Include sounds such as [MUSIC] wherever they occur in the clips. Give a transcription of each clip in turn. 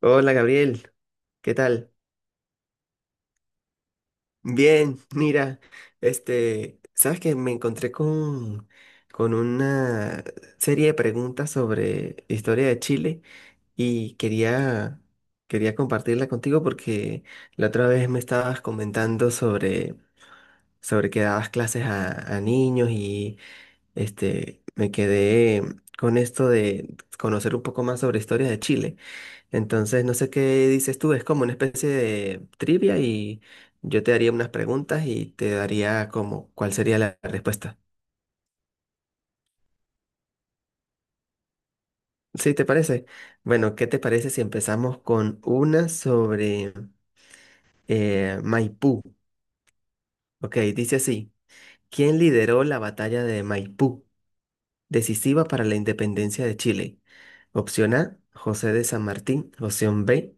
Hola Gabriel, ¿qué tal? Bien, mira, sabes que me encontré con una serie de preguntas sobre historia de Chile y quería compartirla contigo porque la otra vez me estabas comentando sobre que dabas clases a niños y me quedé con esto de conocer un poco más sobre historia de Chile. Entonces, no sé qué dices tú, es como una especie de trivia y yo te daría unas preguntas y te daría como cuál sería la respuesta. ¿Sí te parece? Bueno, ¿qué te parece si empezamos con una sobre Maipú? Ok, dice así, ¿quién lideró la batalla de Maipú, decisiva para la independencia de Chile? Opción A, José de San Martín. Opción B,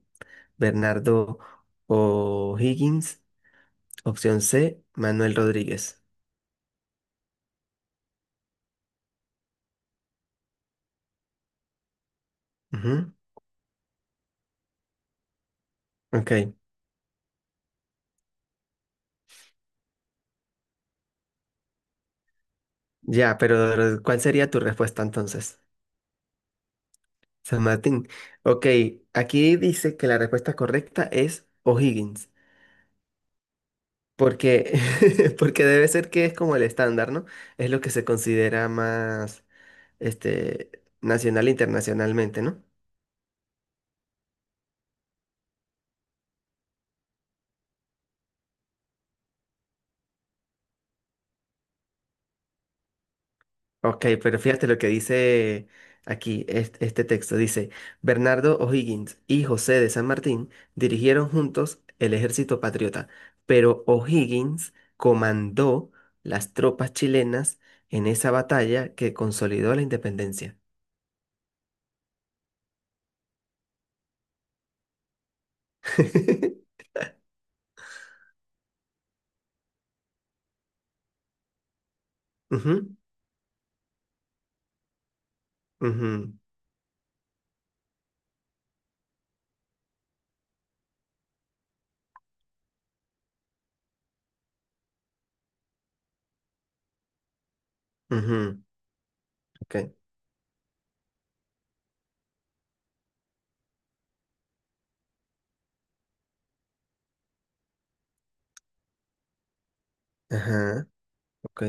Bernardo O'Higgins. Opción C, Manuel Rodríguez. Ujú. Ok, ya, pero ¿cuál sería tu respuesta entonces, San Martín? Ok, aquí dice que la respuesta correcta es O'Higgins, porque, [LAUGHS] porque debe ser que es como el estándar, ¿no? Es lo que se considera más este, nacional e internacionalmente, ¿no? Ok, pero fíjate lo que dice aquí texto. Dice, Bernardo O'Higgins y José de San Martín dirigieron juntos el ejército patriota, pero O'Higgins comandó las tropas chilenas en esa batalla que consolidó la independencia. [LAUGHS] Ujú, ujú, ujú, ok, ajá, ok.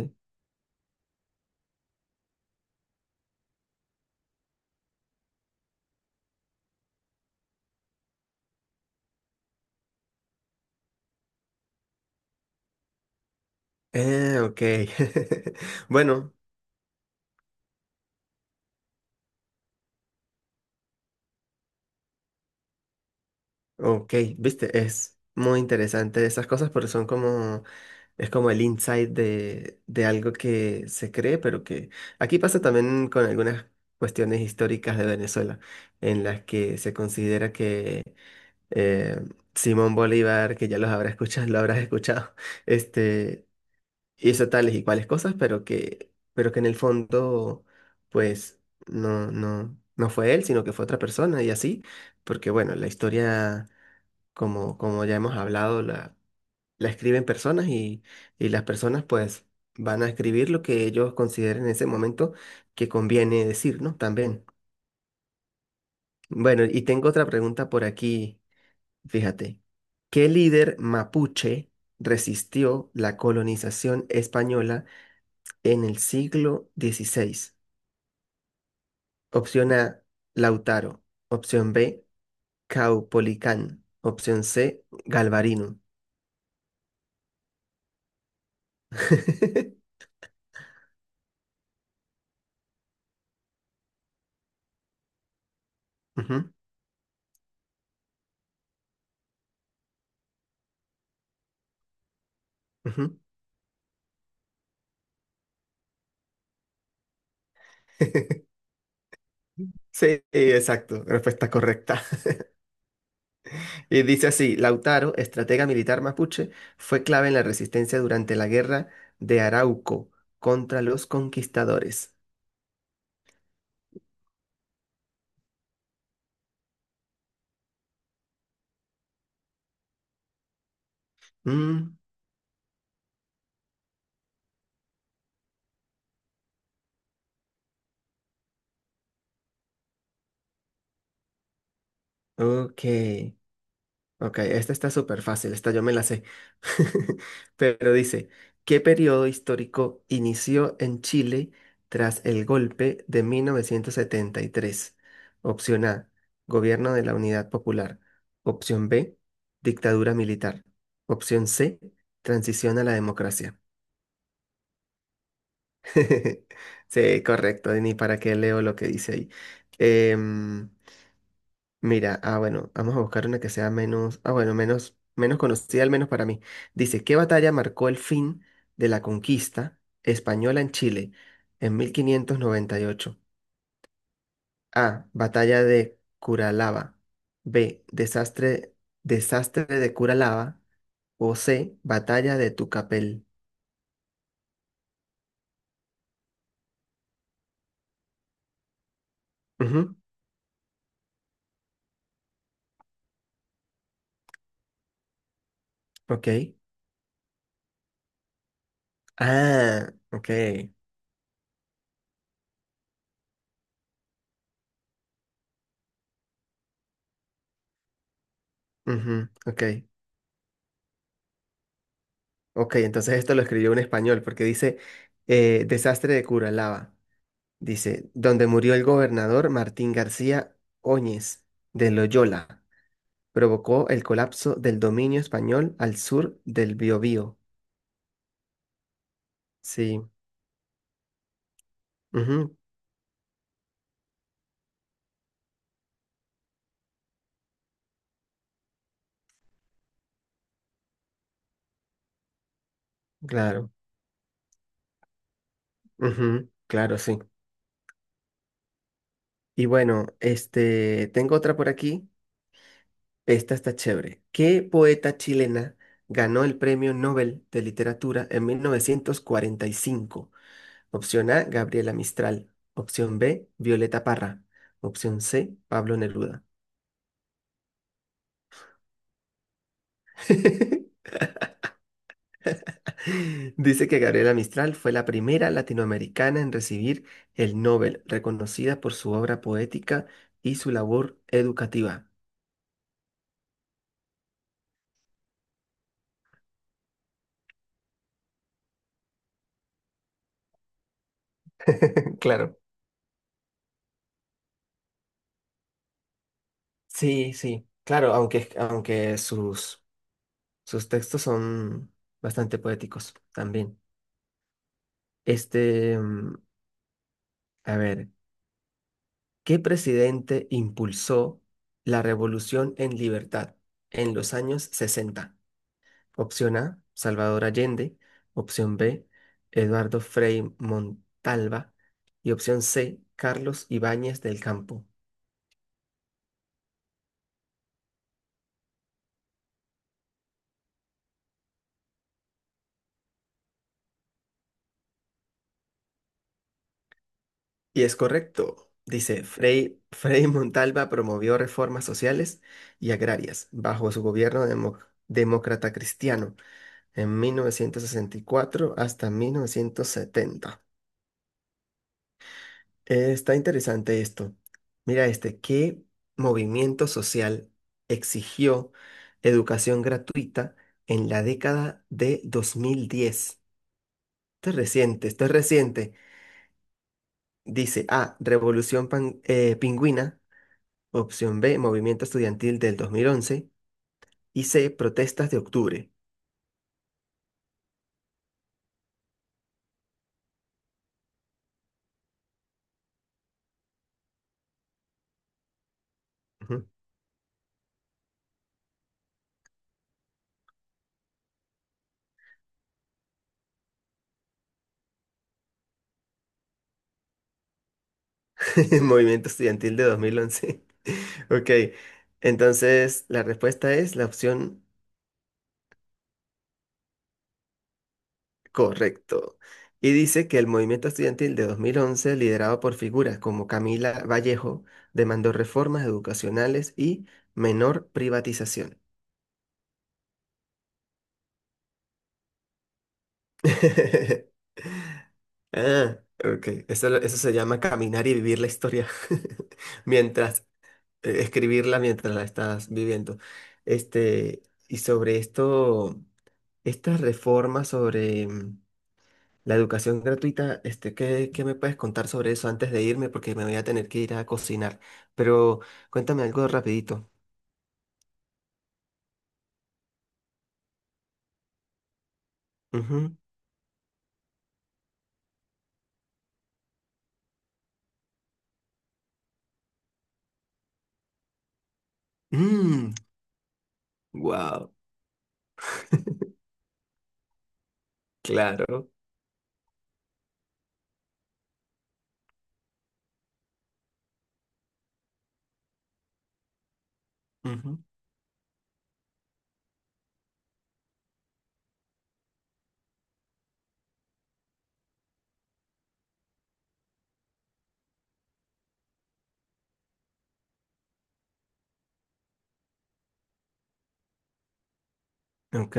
Ok. [LAUGHS] Bueno. Ok, viste, es muy interesante esas cosas porque son como, es como el insight de algo que se cree, pero que aquí pasa también con algunas cuestiones históricas de Venezuela, en las que se considera que eh, Simón Bolívar, que ya los habrás escuchado, lo habrás escuchado, [LAUGHS] este, hizo tales y cuales cosas, pero que en el fondo, pues, no, no, no fue él, sino que fue otra persona y así, porque bueno, la historia como ya hemos hablado, la escriben personas y las personas pues van a escribir lo que ellos consideren en ese momento que conviene decir, ¿no? También. Bueno, y tengo otra pregunta por aquí, fíjate. ¿Qué líder mapuche resistió la colonización española en el siglo XVI? Opción A, Lautaro. Opción B, Caupolicán. Opción C, Galvarino. [LAUGHS] Ujú, ujú. [LAUGHS] Sí, exacto, respuesta correcta. [LAUGHS] Y dice así, Lautaro, estratega militar mapuche, fue clave en la resistencia durante la guerra de Arauco contra los conquistadores. Mm, ok. Ok, esta está súper fácil, esta yo me la sé. [LAUGHS] Pero dice, ¿qué periodo histórico inició en Chile tras el golpe de 1973? Opción A, gobierno de la Unidad Popular. Opción B, dictadura militar. Opción C, transición a la democracia. [LAUGHS] Sí, correcto, ni para qué leo lo que dice ahí. Em, Mira, ah, bueno, vamos a buscar una que sea menos, ah, bueno, menos conocida, al menos para mí. Dice, ¿qué batalla marcó el fin de la conquista española en Chile en 1598? A, batalla de Curalaba. B, desastre de Curalaba. O C, batalla de Tucapel. Ujú, ok. Ah, ok. Ujú, ok. Ok, entonces esto lo escribió un español porque dice desastre de Curalaba. Dice, donde murió el gobernador Martín García Óñez de Loyola, provocó el colapso del dominio español al sur del Biobío. Sí, ujú, claro, ujú, claro, sí. Y bueno, tengo otra por aquí. Esta está chévere. ¿Qué poeta chilena ganó el Premio Nobel de Literatura en 1945? Opción A, Gabriela Mistral. Opción B, Violeta Parra. Opción C, Pablo Neruda. [LAUGHS] Dice que Gabriela Mistral fue la primera latinoamericana en recibir el Nobel, reconocida por su obra poética y su labor educativa. [LAUGHS] Claro. Sí, sí, claro, aunque sus textos son bastante poéticos también. Este, mm, a ver, ¿qué presidente impulsó la revolución en libertad en los años 60? Opción A, Salvador Allende. Opción B, Eduardo Frei Montalva. Y opción C, Carlos Ibáñez del Campo. Y es correcto. Dice, Frei Montalva promovió reformas sociales y agrarias bajo su gobierno demócrata cristiano en 1964 hasta 1970. Está interesante esto. Mira este, ¿qué movimiento social exigió educación gratuita en la década de 2010? Esto es reciente, esto es reciente. Dice A, Revolución Pingüina, opción B, Movimiento Estudiantil del 2011 y C, Protestas de Octubre. Ujú. [LAUGHS] Movimiento Estudiantil de 2011. [LAUGHS] Ok, entonces la respuesta es la opción. Correcto. Y dice que el movimiento estudiantil de 2011 liderado por figuras como Camila Vallejo, demandó reformas educacionales y menor privatización. [LAUGHS] Ah, ok. Eso, eso se llama caminar y vivir la historia [LAUGHS] mientras, escribirla mientras la estás viviendo. Este, y sobre esto, estas reformas sobre la educación gratuita, qué me puedes contar sobre eso antes de irme? Porque me voy a tener que ir a cocinar. Pero cuéntame algo rapidito. Ujú. Mm, wow, claro. Ujú. Ok,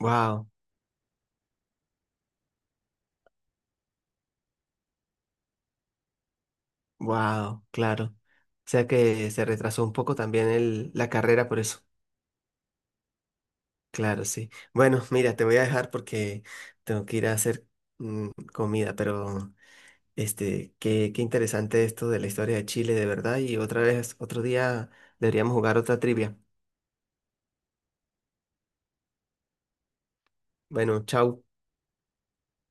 wow, wow, claro. O sea que se retrasó un poco también la carrera por eso. Claro, sí. Bueno, mira, te voy a dejar porque tengo que ir a hacer comida, pero qué interesante esto de la historia de Chile, de verdad. Y otra vez, otro día deberíamos jugar otra trivia. Bueno, chau.